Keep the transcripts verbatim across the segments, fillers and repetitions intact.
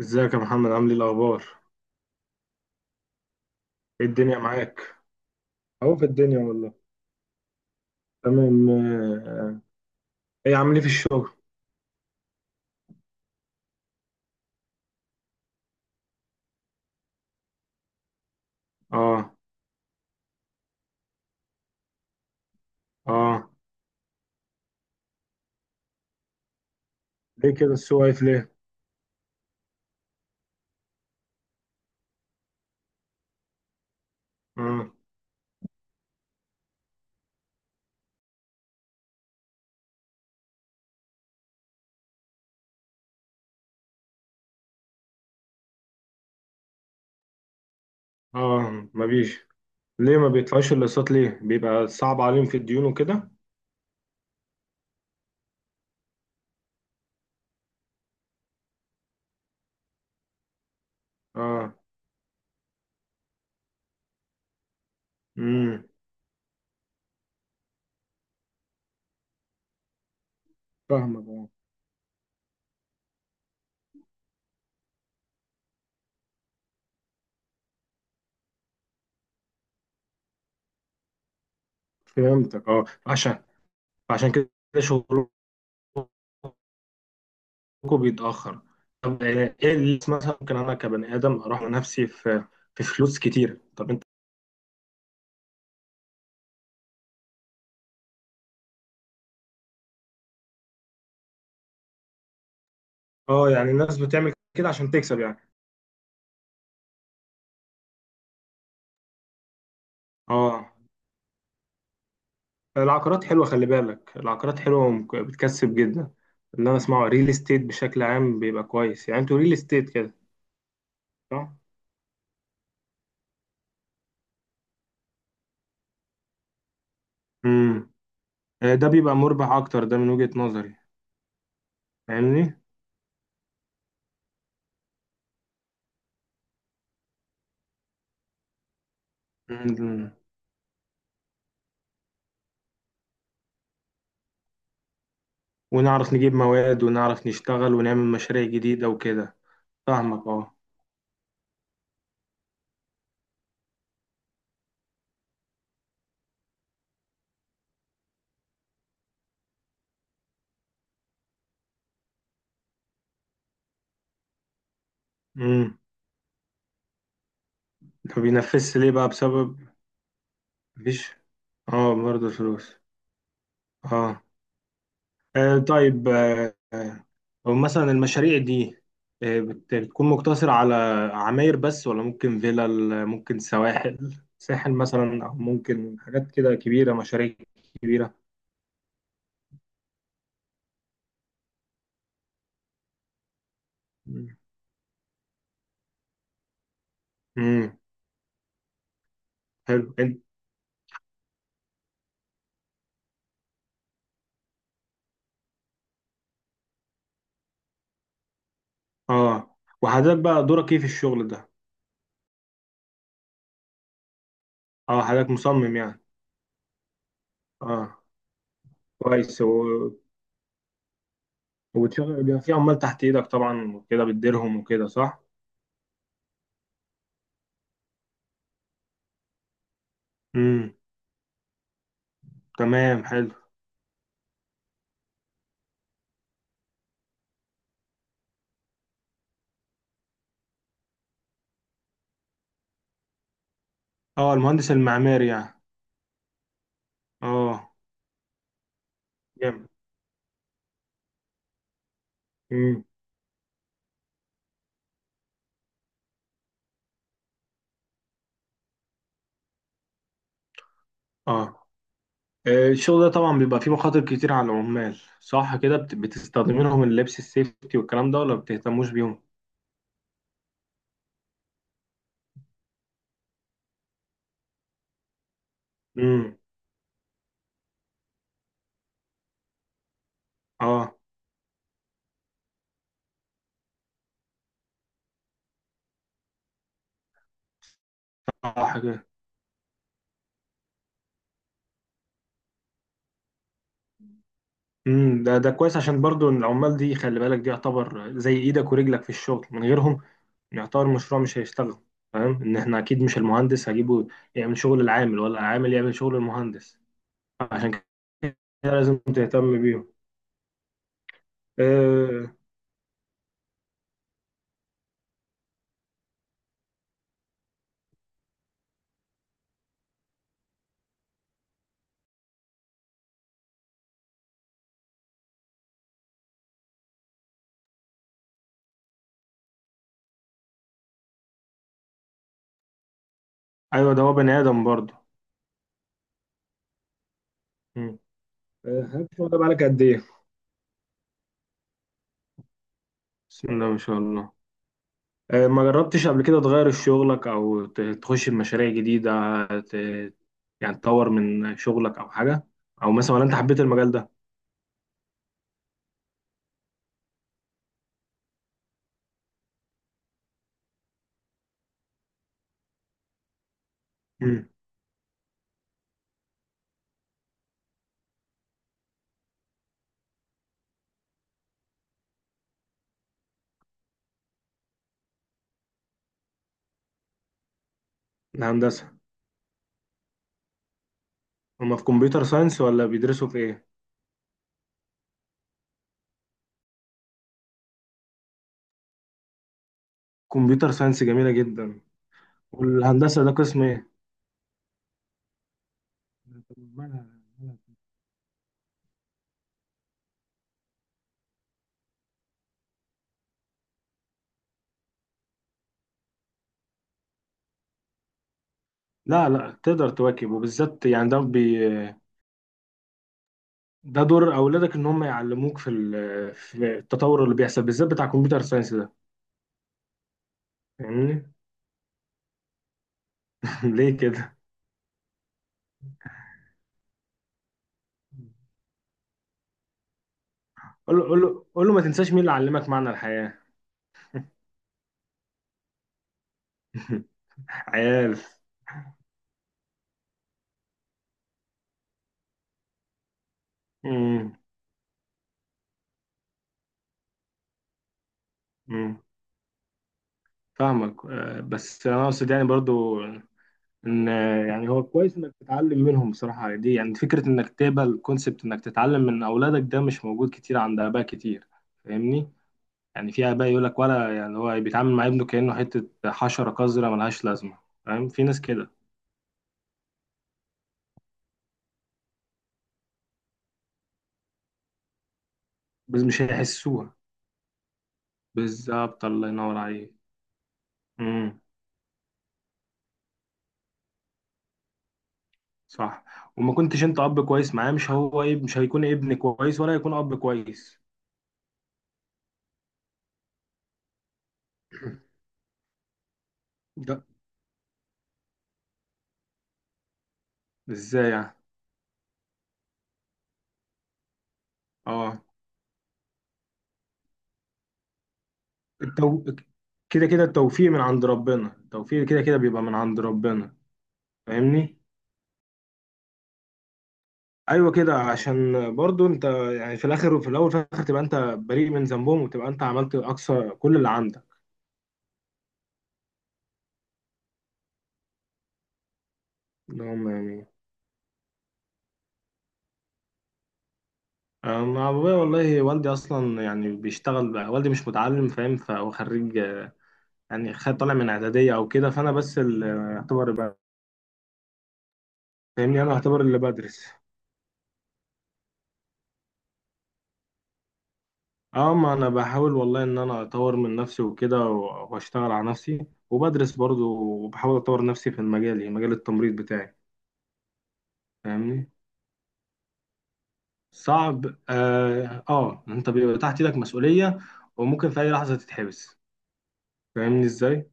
ازيك يا محمد؟ عامل ايه الاخبار؟ ايه الدنيا معاك؟ اهو في الدنيا والله. تمام، آه، ايه عامل ايه في الشغل؟ اه. اه. ليه كده السوق واقف ليه؟ اه. اه. ما بيش. ليه ما بيدفعوش الاقساط ليه؟ بيبقى صعب عليهم في الديون وكده؟ اه. امم. فاهمك. اه. فهمتك. اه، عشان عشان كده شغلكم بيتاخر. طب، آه، ايه اللي مثلا ممكن انا كبني ادم اروح نفسي في في فلوس كتير؟ طب انت؟ اه. يعني الناس بتعمل كده عشان تكسب يعني؟ اه. العقارات حلوه، خلي بالك العقارات حلوه، ومك- بتكسب جدا. اللي انا اسمعه ريل استيت بشكل عام بيبقى كويس، يعني انتوا ريل استيت كده؟ صح. امم. ده بيبقى مربح اكتر، ده من وجهة نظري. فاهمني. مم. ونعرف نجيب مواد ونعرف نشتغل ونعمل مشاريع جديده وكده. فاهمك. اه. امم. ما بينفذش ليه بقى؟ بسبب. مفيش. اه، برضه فلوس. اه. آه، طيب، آه، آه، هو مثلا المشاريع دي، آه، بت- بتكون مقتصرة على عماير بس، ولا ممكن فيلل، ممكن سواحل، ساحل مثلا، أو ممكن حاجات كده كبيرة مشاريع كبيرة؟ امم. حلو انت. اه. وحضرتك بقى دورك ايه في الشغل ده؟ اه، حضرتك مصمم يعني؟ اه، كويس. و... وبتشغل بيبقى في عمال تحت ايدك طبعا، وكده بتديرهم وكده، صح؟ امم. تمام. حلو. اه، المهندس المعماري يعني. اه. جامد. اه. آه، الشغل ده طبعا بيبقى فيه مخاطر كتير على العمال، صح كده؟ بت- بتستخدمين لهم اللبس السيفتي والكلام ده، ولا بتهتموش بيهم؟ امم. اه. صح كده. امم. ده ده كويس، عشان برضو إن العمال دي، خلي بالك دي يعتبر زي ايدك ورجلك في الشغل، من غيرهم يعتبر المشروع مش هيشتغل. فاهم ان احنا اكيد مش المهندس هجيبه يعمل شغل العامل، ولا العامل يعمل شغل المهندس. عشان كده لازم تهتم بيهم. آه ايوه، ده هو بني ادم برضه. امم. آه، الشغل ده بقالك قد ايه؟ بسم الله ما شاء الله. آه، ما جربتش قبل كده تغير شغلك او ت- تخش بمشاريع جديدة؟ ت... يعني تطور من شغلك او حاجة، او مثلا، ولا انت حبيت المجال ده؟ امم. الهندسة. هما في كمبيوتر ساينس ولا بيدرسوا في ايه؟ كمبيوتر ساينس جميلة جدا. والهندسة ده قسم ايه؟ لا لا، تقدر تواكب، وبالذات يعني ده بي، ده دور اولادك ان هم يعلموك في ال- في التطور اللي بيحصل، بالذات بتاع كمبيوتر ساينس ده. فاهمني. ليه كده؟ قول له قول له قول له ما تنساش مين اللي علمك معنى الحياة. عيال. امم. امم. فاهمك. آه، بس انا اقصد يعني برضو ان، آه، يعني هو كويس انك تتعلم منهم بصراحة. دي يعني فكرة انك تقبل كونسبت انك تتعلم من اولادك، ده مش موجود كتير عند اباء كتير. فاهمني. يعني في اباء يقول لك، ولا يعني هو بيتعامل مع ابنه كأنه حتة حشرة قذرة ملهاش لازمة. فاهم، في ناس كده. بس مش هيحسوها. بالظبط، الله ينور عليك. صح. وما كنتش انت اب كويس معاه، مش هو ايه، مش هيكون ابن كويس ولا هيكون اب كويس. ده. ازاي يعني؟ اه. التو... كده كده التوفيق من عند ربنا، التوفيق كده كده بيبقى من عند ربنا. فاهمني. ايوه كده، عشان برضو انت يعني في الاخر وفي الاول وفي الاخر تبقى انت بريء من ذنبهم، وتبقى انت عملت اقصى كل اللي عندك. اللي هم يعني. انا ابويا، والله والدي اصلا يعني بيشتغل بقى، والدي مش متعلم، فاهم؟ فهو خريج يعني، خد طالع من اعداديه او كده، فانا بس اللي اعتبر ب- فاهمني، انا اعتبر اللي بدرس. اه، ما انا بحاول والله ان انا اطور من نفسي وكده و- واشتغل على نفسي وبدرس برضو، وبحاول اطور نفسي في المجال يعني مجال التمريض بتاعي. فاهمني. صعب اه، آه، انت بيبقى تحت ايدك مسؤوليه، وممكن في اي لحظه تتحبس. فاهمني؟ ازاي؟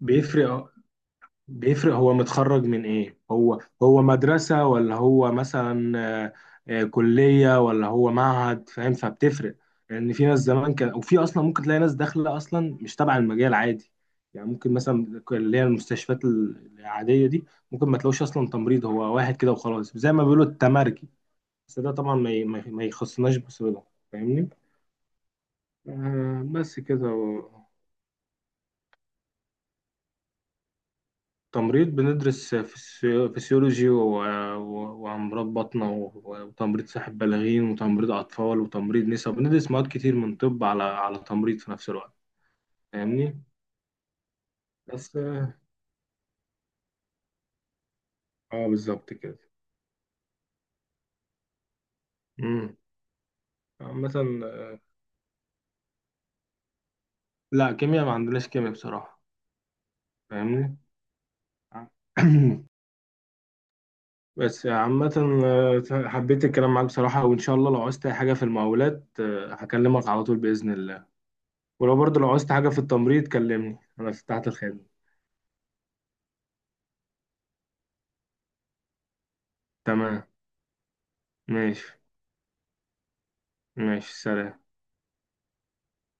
بيفرق. بيفرق، هو متخرج من ايه؟ هو هو مدرسة، ولا هو مثلا، آه، آه، كلية، ولا هو معهد؟ فاهم؟ فبتفرق. لان يعني في ناس زمان كان، وفي اصلا ممكن تلاقي ناس داخلة اصلا مش تبع المجال عادي. يعني ممكن مثلا اللي هي المستشفيات ال- العادية دي، ممكن ما تلاقوش اصلا تمريض، هو واحد كده وخلاص زي ما بيقولوا التمرجي. بس ده طبعا ما ي- ما ي- ما يخصناش بصلة. فاهمني. آه، بس كده. تمريض بندرس فيسيو- فسيولوجي و- و- وأمراض بطنة و- وتمريض ساحب بالغين، وتمريض أطفال، وتمريض نساء. بندرس مواد كتير من طب، على على تمريض في نفس الوقت. فاهمني؟ بس. اه بالظبط كده. امم. مثلا. لا، كيمياء ما عندناش كيمياء بصراحة. فاهمني؟ بس عامة، آه، حبيت الكلام معاك بصراحة، وإن شاء الله لو عوزت أي حاجة في المقاولات آه، هكلمك على طول بإذن الله. ولو برضه لو عوزت حاجة في التمريض كلمني، أنا تحت الخدمة. تمام. ماشي. ماشي، سلام.